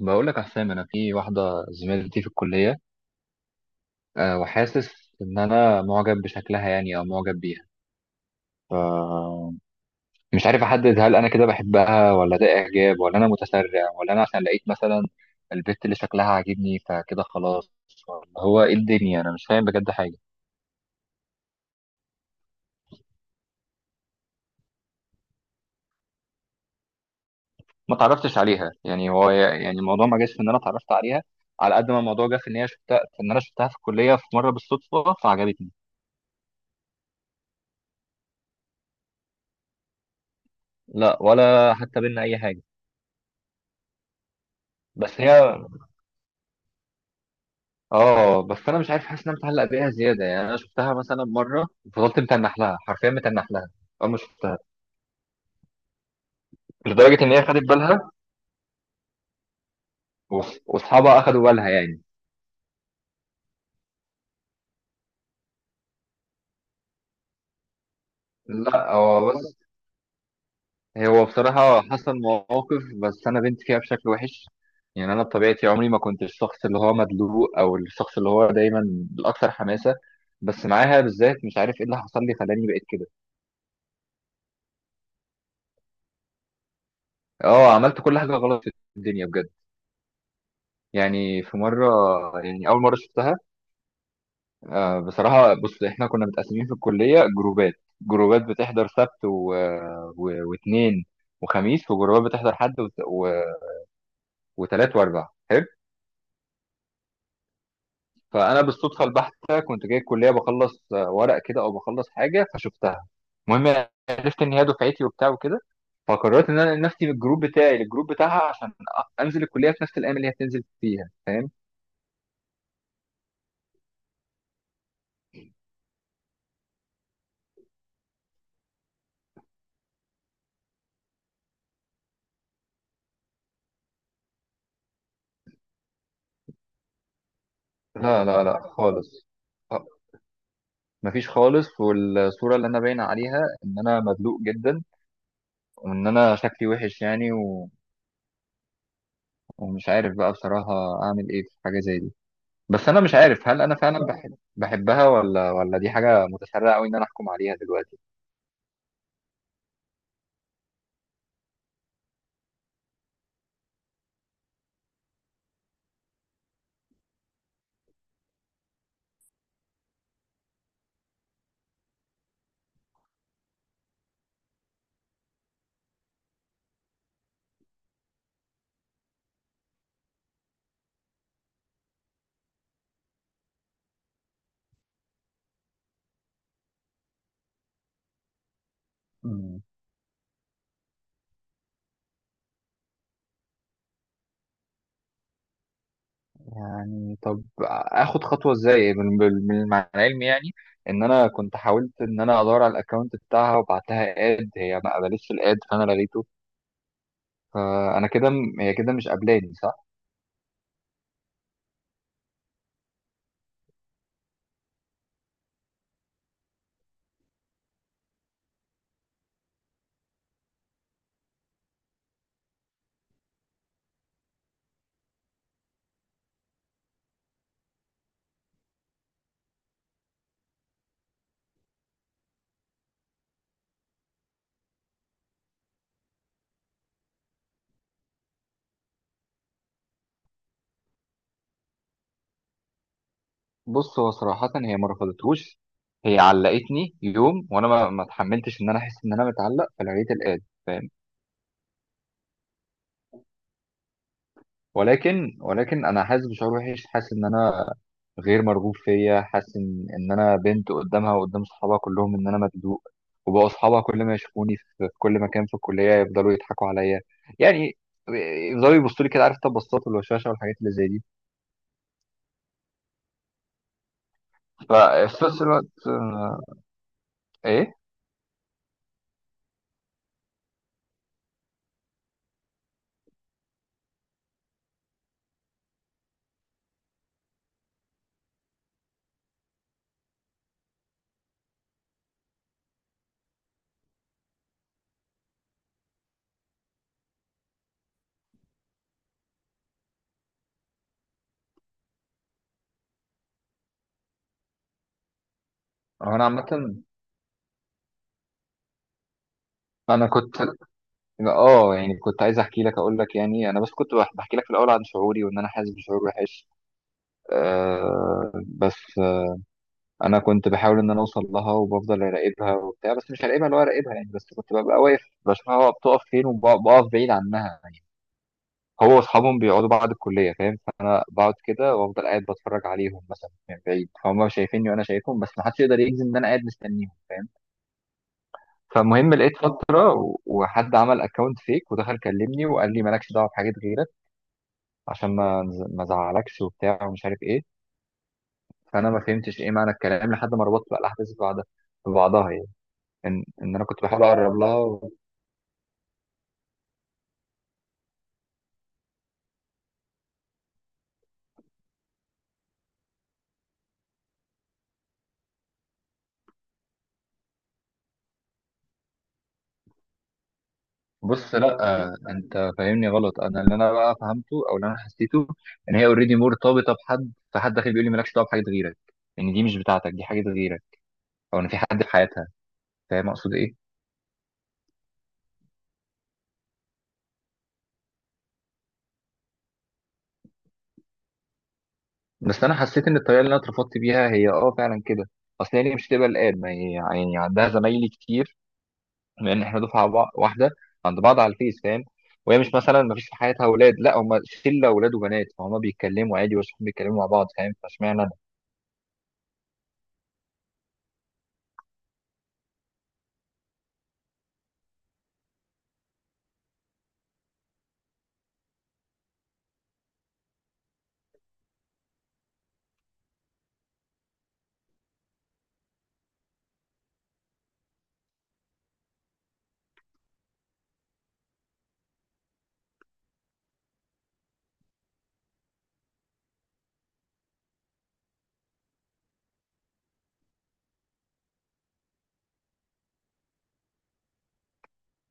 بقول لك يا حسام، انا في واحده زميلتي في الكليه. وحاسس ان انا معجب بشكلها، يعني او معجب بيها. ف مش عارف احدد، هل انا كده بحبها ولا ده اعجاب ولا انا متسرع، ولا انا عشان لقيت مثلا البت اللي شكلها عاجبني فكده خلاص، ولا هو ايه الدنيا، انا مش فاهم بجد حاجه. ما اتعرفتش عليها، يعني هو يعني الموضوع ما جاش في ان انا اتعرفت عليها، على قد ما الموضوع جه في ان هي شفتها، في ان انا شفتها في الكليه في مره بالصدفه فعجبتني. لا، ولا حتى بينا اي حاجه. بس هي، اه بس انا مش عارف، حاسس ان انا متعلق بيها زياده، يعني انا شفتها مثلا مره فضلت متنح لها، حرفيا متنح لها اول ما شفتها، لدرجه ان هي خدت بالها. واصحابها اخدوا بالها يعني. لا هو بس، هو بصراحه حصل مواقف، بس انا بنت فيها بشكل وحش. يعني انا بطبيعتي عمري ما كنت الشخص اللي هو مدلوق، او الشخص اللي هو دايما الاكثر حماسه، بس معاها بالذات مش عارف ايه اللي حصل لي خلاني بقيت كده. اه، عملت كل حاجه غلط في الدنيا بجد. يعني في مره، يعني اول مره شفتها، بصراحة بص، احنا كنا متقسمين في الكلية جروبات. جروبات بتحضر سبت واثنين وخميس، وجروبات بتحضر حد وتلات واربع حلو. فأنا بالصدفة البحتة كنت جاي الكلية بخلص ورق كده، أو بخلص حاجة فشفتها. المهم أنا عرفت إن هي دفعتي وبتاع وكده، فقررت إن أنا أنقل نفسي من الجروب بتاعي للجروب بتاعها، عشان أنزل الكلية في نفس الأيام اللي هي بتنزل فيها. فاهم؟ لا لا لا خالص. آه، مفيش خالص، والصورة اللي أنا باين عليها إن أنا مدلوق جدا، وان انا شكلي وحش يعني، و... ومش عارف بقى بصراحة اعمل ايه في حاجة زي دي. بس انا مش عارف هل انا فعلا بحبها ولا دي حاجة متسرعة قوي ان انا احكم عليها دلوقتي. مم. يعني طب اخد خطوة ازاي، مع العلم يعني ان انا كنت حاولت ان انا ادور على الاكونت بتاعها، وبعت لها اد، هي ما قبلتش الاد فانا لغيته. فانا كده هي كده مش قابلاني، صح؟ بص، هو صراحة هي ما رفضتهوش، هي علقتني يوم وانا ما اتحملتش ان انا احس ان انا متعلق فلقيت الآد. فاهم؟ ولكن انا حاسس بشعور وحش، حاسس ان انا غير مرغوب فيا، حاسس ان انا بنت قدامها وقدام صحابها كلهم ان انا مبدوق. وبقوا اصحابها كل ما يشوفوني في كل مكان في الكلية يفضلوا يضحكوا عليا، يعني يفضلوا يبصوا لي كده، عارف؟ تبصات والوشاشة والحاجات اللي زي دي. ففي نفس الوقت ايه. هو انا عامة، انا كنت، اه يعني كنت عايز احكي لك، اقول لك يعني انا بس كنت بحكي لك في الاول عن شعوري، وان انا حاسس بشعور وحش. بس انا كنت بحاول ان انا اوصل لها، وبفضل اراقبها وبتاع، بس مش هراقبها اللي هو اراقبها يعني، بس كنت ببقى واقف بشوفها هو بتقف فين وبقف بعيد عنها يعني. هو واصحابهم بيقعدوا بعد الكليه، فاهم؟ فانا بقعد كده وافضل قاعد بتفرج عليهم مثلا من بعيد، فهم شايفيني وانا شايفهم، بس محدش يقدر يجزم ان انا قاعد مستنيهم. فاهم؟ فالمهم لقيت فتره، وحد عمل اكونت فيك ودخل كلمني وقال لي مالكش دعوه بحاجات غيرك، عشان ما ازعلكش وبتاع ومش عارف ايه. فانا ما فهمتش ايه معنى الكلام لحد ما ربطت بقى الاحداث ببعضها يعني. ان انا كنت بحاول اقرب لها بص لا. انت فاهمني غلط. انا اللي انا بقى فهمته او اللي انا حسيته ان هي اوريدي مرتبطه بحد، فحد داخل بيقول لي مالكش دعوه بحاجه غيرك، ان دي مش بتاعتك، دي حاجه غيرك، او ان في حد في حياتها. فاهم اقصد ايه؟ بس انا حسيت ان الطريقه اللي انا اترفضت بيها هي فعلا كده، اصل هي ليه مش تبقى الآن، ما هي يعني عندها زمايلي كتير، لان احنا دفعه واحده، عند بعض على الفيس، فاهم؟ وهي مش مثلا ما فيش في حياتها اولاد، لا هم شله اولاد وبنات، فهم بيتكلموا عادي واصحاب بيتكلموا مع بعض، فاهم؟ فاشمعنى انا؟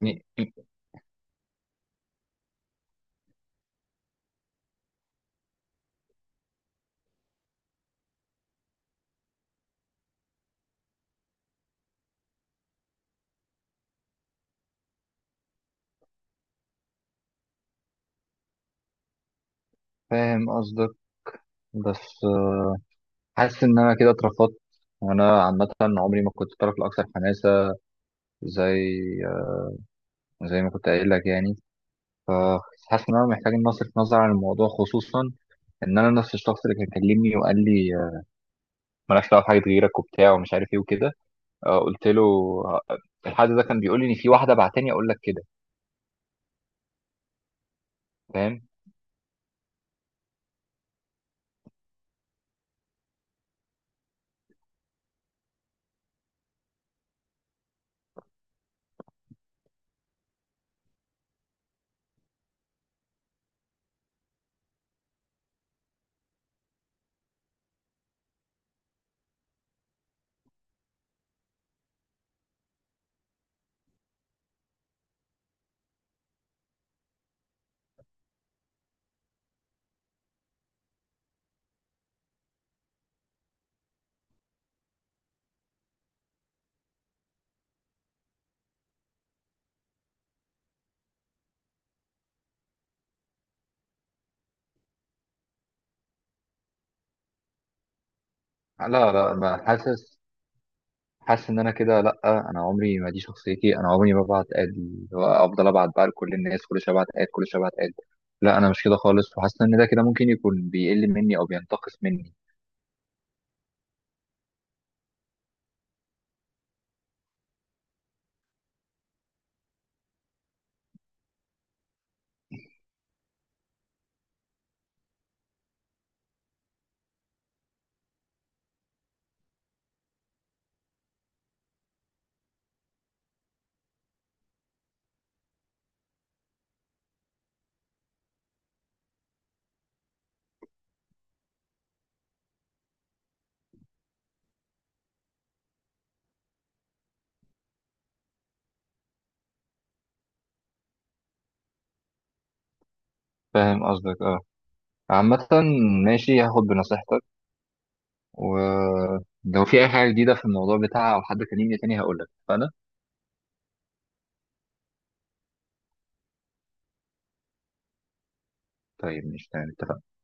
يعني، فاهم قصدك. بس حاسس ان انا كده اترفضت. وانا عامه عمري ما كنت الطرف الاكثر حماسه، زي ما كنت قايل لك يعني. فحاسس ان انا محتاج ان اصرف نظر عن الموضوع، خصوصا ان انا نفس الشخص اللي كان كلمني وقال لي مالكش دعوه بحاجه غيرك وبتاع ومش عارف ايه وكده. قلت له آه، الحد ده كان بيقول لي ان في واحده بعتني اقول لك كده. فاهم؟ لا لا، ما حاسس، حاسس ان انا كده لا. انا عمري ما دي شخصيتي، انا عمري ما ببعت اد، اللي هو افضل ابعت بقى لكل الناس كل شويه ابعت اد كل شويه ابعت اد، لا انا مش كده خالص، وحاسس ان ده كده ممكن يكون بيقل مني او بينتقص مني. فاهم قصدك، اه. عامة ماشي، هاخد بنصيحتك، ولو في اي حاجة جديدة في الموضوع بتاعها او حد كلمني تاني هقولك، فانا، طيب مش تمام، اتفقنا؟